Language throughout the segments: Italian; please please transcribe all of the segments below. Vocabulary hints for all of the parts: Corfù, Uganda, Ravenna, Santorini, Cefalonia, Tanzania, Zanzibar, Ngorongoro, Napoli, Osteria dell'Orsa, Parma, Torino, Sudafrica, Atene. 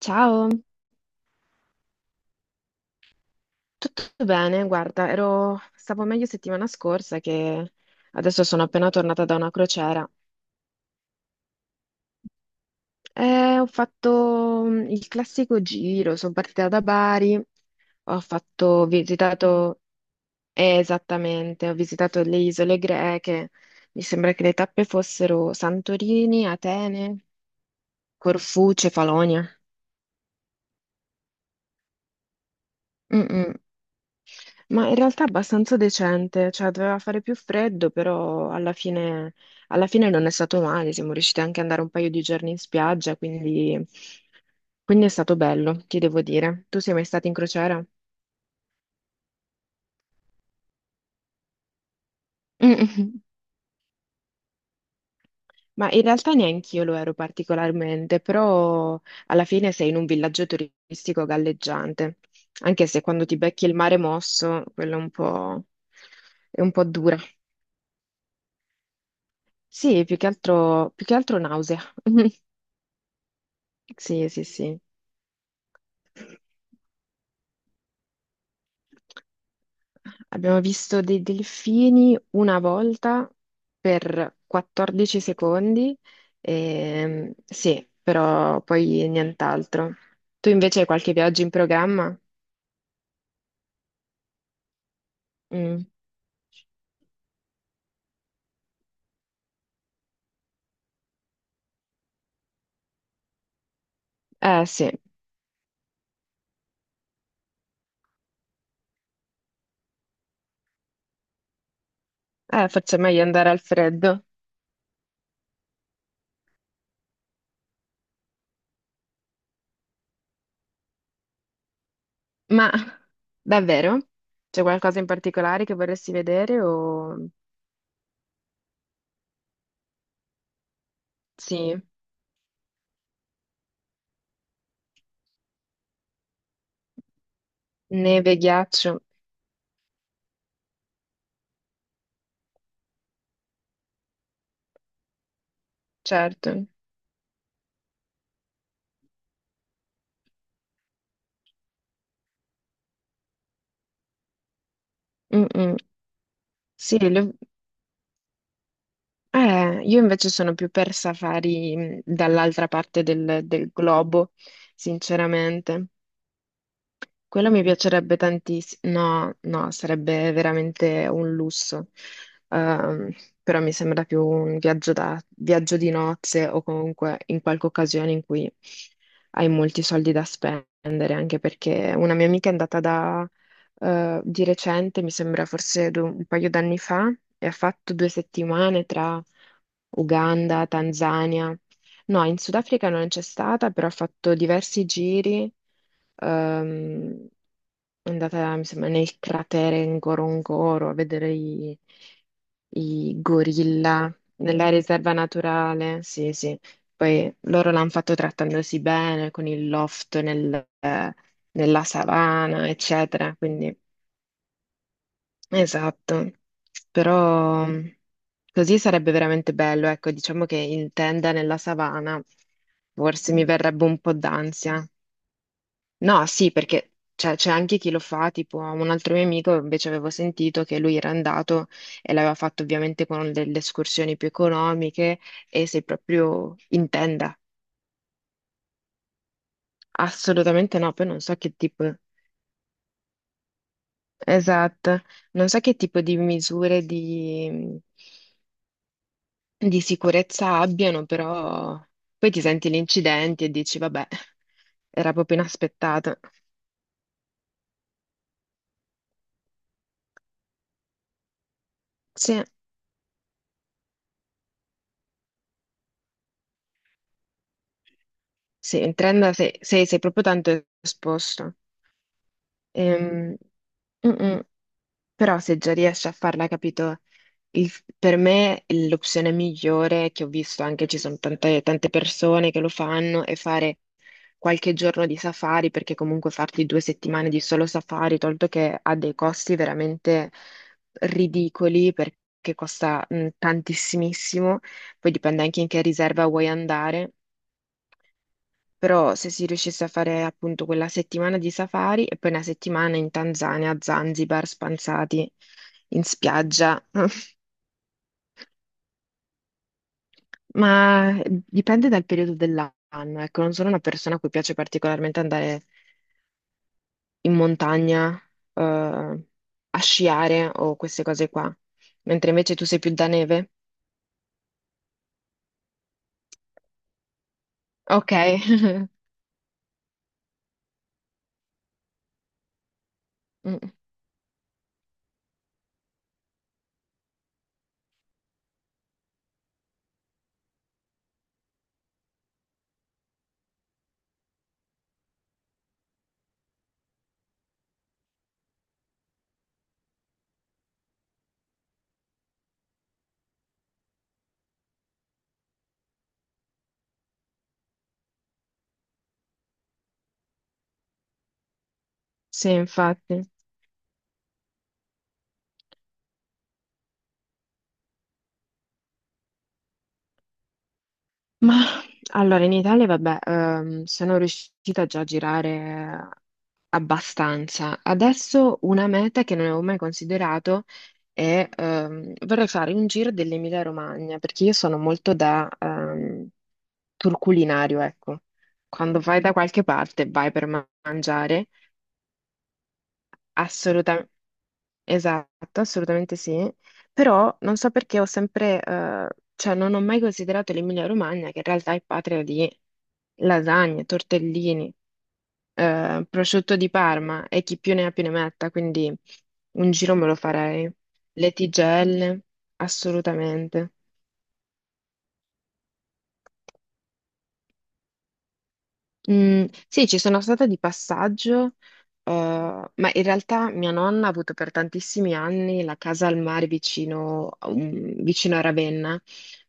Ciao, tutto bene? Guarda, stavo meglio settimana scorsa che adesso sono appena tornata da una crociera e ho fatto il classico giro, sono partita da Bari, ho fatto, ho visitato, esattamente, ho visitato le isole greche, mi sembra che le tappe fossero Santorini, Atene, Corfù, Cefalonia. Mm, mm. Ma in realtà abbastanza decente, cioè doveva fare più freddo, però alla fine non è stato male, siamo riusciti anche ad andare un paio di giorni in spiaggia, quindi è stato bello, ti devo dire. Tu sei mai stato in crociera? Mm. Ma in realtà neanche io lo ero particolarmente, però alla fine sei in un villaggio turistico galleggiante, anche se quando ti becchi il mare mosso, quello è un po' dura. Sì, più che altro nausea. Sì, sì, sì. Abbiamo visto dei delfini una volta per 14 secondi, sì, però poi nient'altro. Tu invece hai qualche viaggio in programma? Mm. Eh sì, faccio meglio andare al freddo. Ma davvero? C'è qualcosa in particolare che vorresti vedere o? Sì, neve, ghiaccio, certo. Mm-mm. Sì. Io invece sono più per safari, dall'altra parte del globo, sinceramente. Quello mi piacerebbe tantissimo. No, no, sarebbe veramente un lusso. Ehm, però mi sembra più un viaggio, da, viaggio di nozze o comunque in qualche occasione in cui hai molti soldi da spendere, anche perché una mia amica è andata di recente, mi sembra forse un paio d'anni fa, e ha fatto 2 settimane tra Uganda, Tanzania. No, in Sudafrica non c'è stata, però ho fatto diversi giri. ehm, è andata, mi sembra, nel cratere Ngorongoro a vedere i gorilla nella riserva naturale. Sì, sì. Poi loro l'hanno fatto trattandosi bene con il loft nella savana, eccetera. Quindi. Esatto, però così sarebbe veramente bello, ecco, diciamo che in tenda nella savana forse mi verrebbe un po' d'ansia. No, sì, perché c'è anche chi lo fa, tipo un altro mio amico, invece avevo sentito che lui era andato e l'aveva fatto ovviamente con delle escursioni più economiche e sei proprio in tenda. Assolutamente no, poi non so che tipo, esatto, non so che tipo di misure di sicurezza abbiano, però poi ti senti gli incidenti e dici, vabbè, era proprio inaspettato. Sì, sì, in trend sei proprio tanto esposto. Ehm, mm, mm. Però se già riesci a farla, capito? Il- per me l'opzione migliore che ho visto, anche ci sono tante, tante persone che lo fanno, è fare qualche giorno di safari, perché comunque farti 2 settimane di solo safari, tolto che ha dei costi veramente ridicoli, perché costa tantissimissimo, poi dipende anche in che riserva vuoi andare. Però se si riuscisse a fare appunto quella settimana di safari e poi una settimana in Tanzania, a Zanzibar, spanzati in spiaggia, ma dipende dal periodo dell'anno. Ecco, non sono una persona a cui piace particolarmente andare in montagna, a sciare o queste cose qua, mentre invece tu sei più da neve. Ok, Mm, sì, infatti. Ma allora in Italia, vabbè, sono riuscita già a girare abbastanza. Adesso una meta che non avevo mai considerato. È ehm, vorrei fare un giro dell'Emilia-Romagna perché io sono molto da tour culinario, ecco. Quando vai da qualche parte vai per mangiare, assolutamente esatto, assolutamente sì. Però non so perché ho sempre, cioè non ho mai considerato l'Emilia-Romagna che in realtà è patria di lasagne, tortellini. Prosciutto di Parma e chi più ne ha più ne metta, quindi un giro me lo farei. Le tigelle, assolutamente. Mm, sì, ci sono stata di passaggio, ma in realtà mia nonna ha avuto per tantissimi anni la casa al mare vicino, vicino a Ravenna,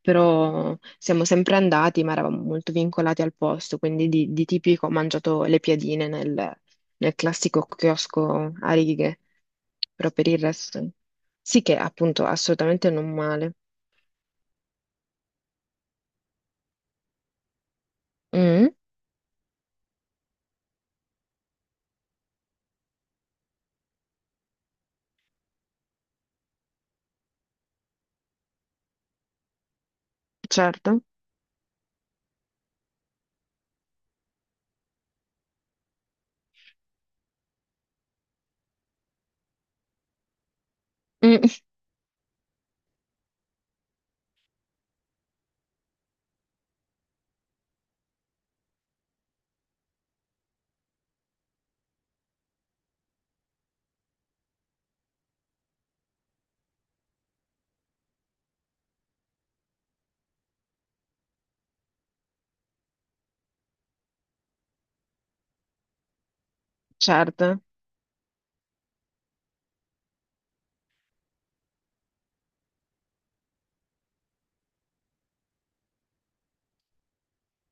però siamo sempre andati, ma eravamo molto vincolati al posto, quindi di tipico ho mangiato le piadine nel classico chiosco a righe, però per il resto sì che appunto assolutamente non male. Mm, certo. Mm, certo.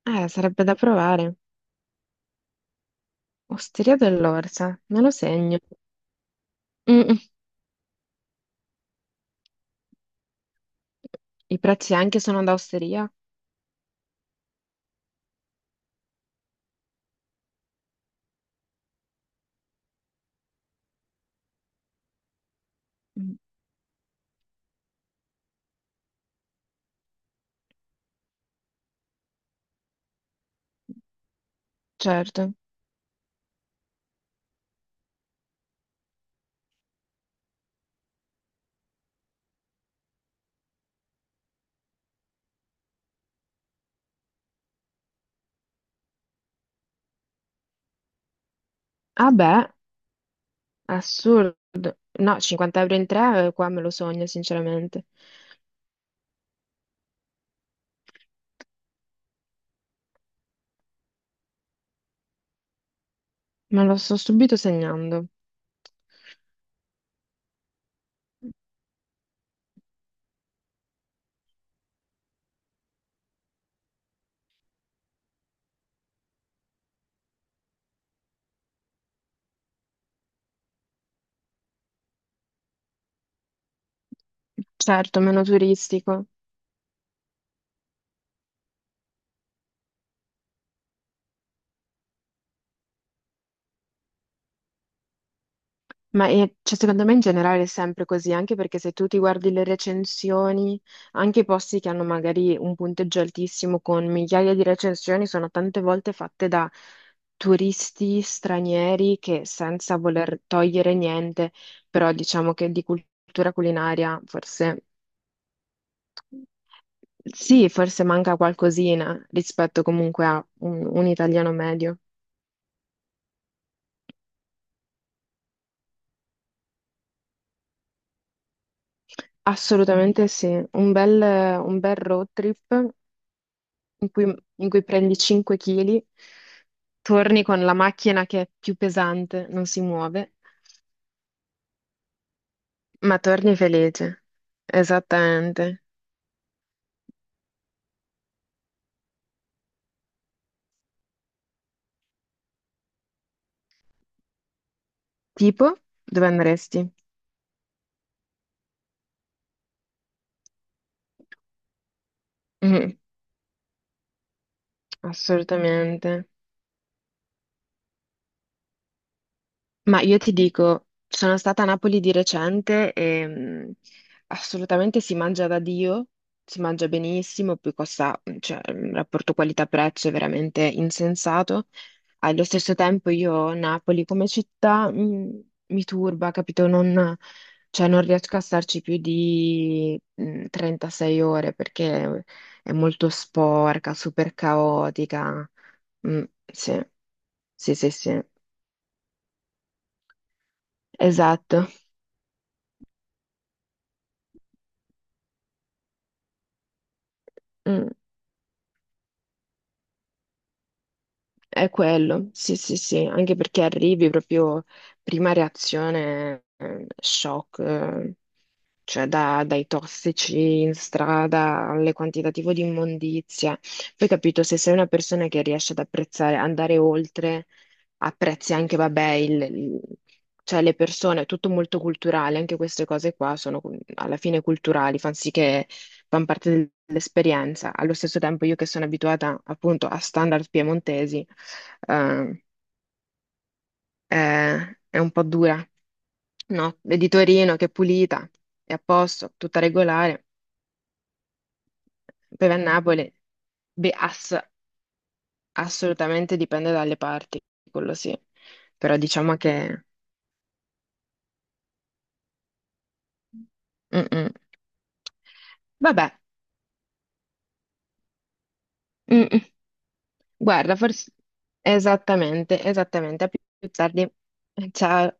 Sarebbe da provare. Osteria dell'Orsa, me lo segno. Mm, mm. I prezzi anche sono da osteria? Mm, certo. Ah beh, assurdo. No, 50 € in tre, qua me lo sogno, sinceramente. Me lo sto subito segnando. Certo, meno turistico. Ma cioè, secondo me in generale è sempre così, anche perché se tu ti guardi le recensioni, anche i posti che hanno magari un punteggio altissimo con migliaia di recensioni sono tante volte fatte da turisti stranieri che senza voler togliere niente, però diciamo che di cultura culinaria forse sì, forse manca qualcosina rispetto comunque a un italiano medio. Mm. Assolutamente sì, un bel road trip in cui prendi 5 kg, torni con la macchina che è più pesante, non si muove, ma torni felice. Esattamente. Tipo, dove andresti? Mhm, assolutamente. Ma io ti dico, sono stata a Napoli di recente e assolutamente si mangia da Dio, si mangia benissimo, poi costa, cioè, il rapporto qualità-prezzo è veramente insensato. Allo stesso tempo io Napoli come città mi turba, capito? Non, cioè, non riesco a starci più di 36 ore perché è molto sporca, super caotica. Mm, sì, sì, sì, sì, esatto. Mm, è quello, sì, sì, sì, anche perché arrivi proprio prima reazione, shock, cioè dai tossici in strada alle quantitativo di immondizia. Poi capito, se sei una persona che riesce ad apprezzare, andare oltre apprezzi anche, vabbè, cioè le persone, è tutto molto culturale, anche queste cose qua sono alla fine culturali, fanno sì che fanno parte dell'esperienza. Allo stesso tempo io che sono abituata appunto a standard piemontesi, eh, è, è un po' dura, no? Vedi Torino che è pulita, è a posto, tutta regolare, poi va a Napoli, beh, assolutamente dipende dalle parti, quello sì, però diciamo che. Mm-mm. Vabbè, Mm, mm. Guarda, forse esattamente, esattamente. A più tardi. Ciao.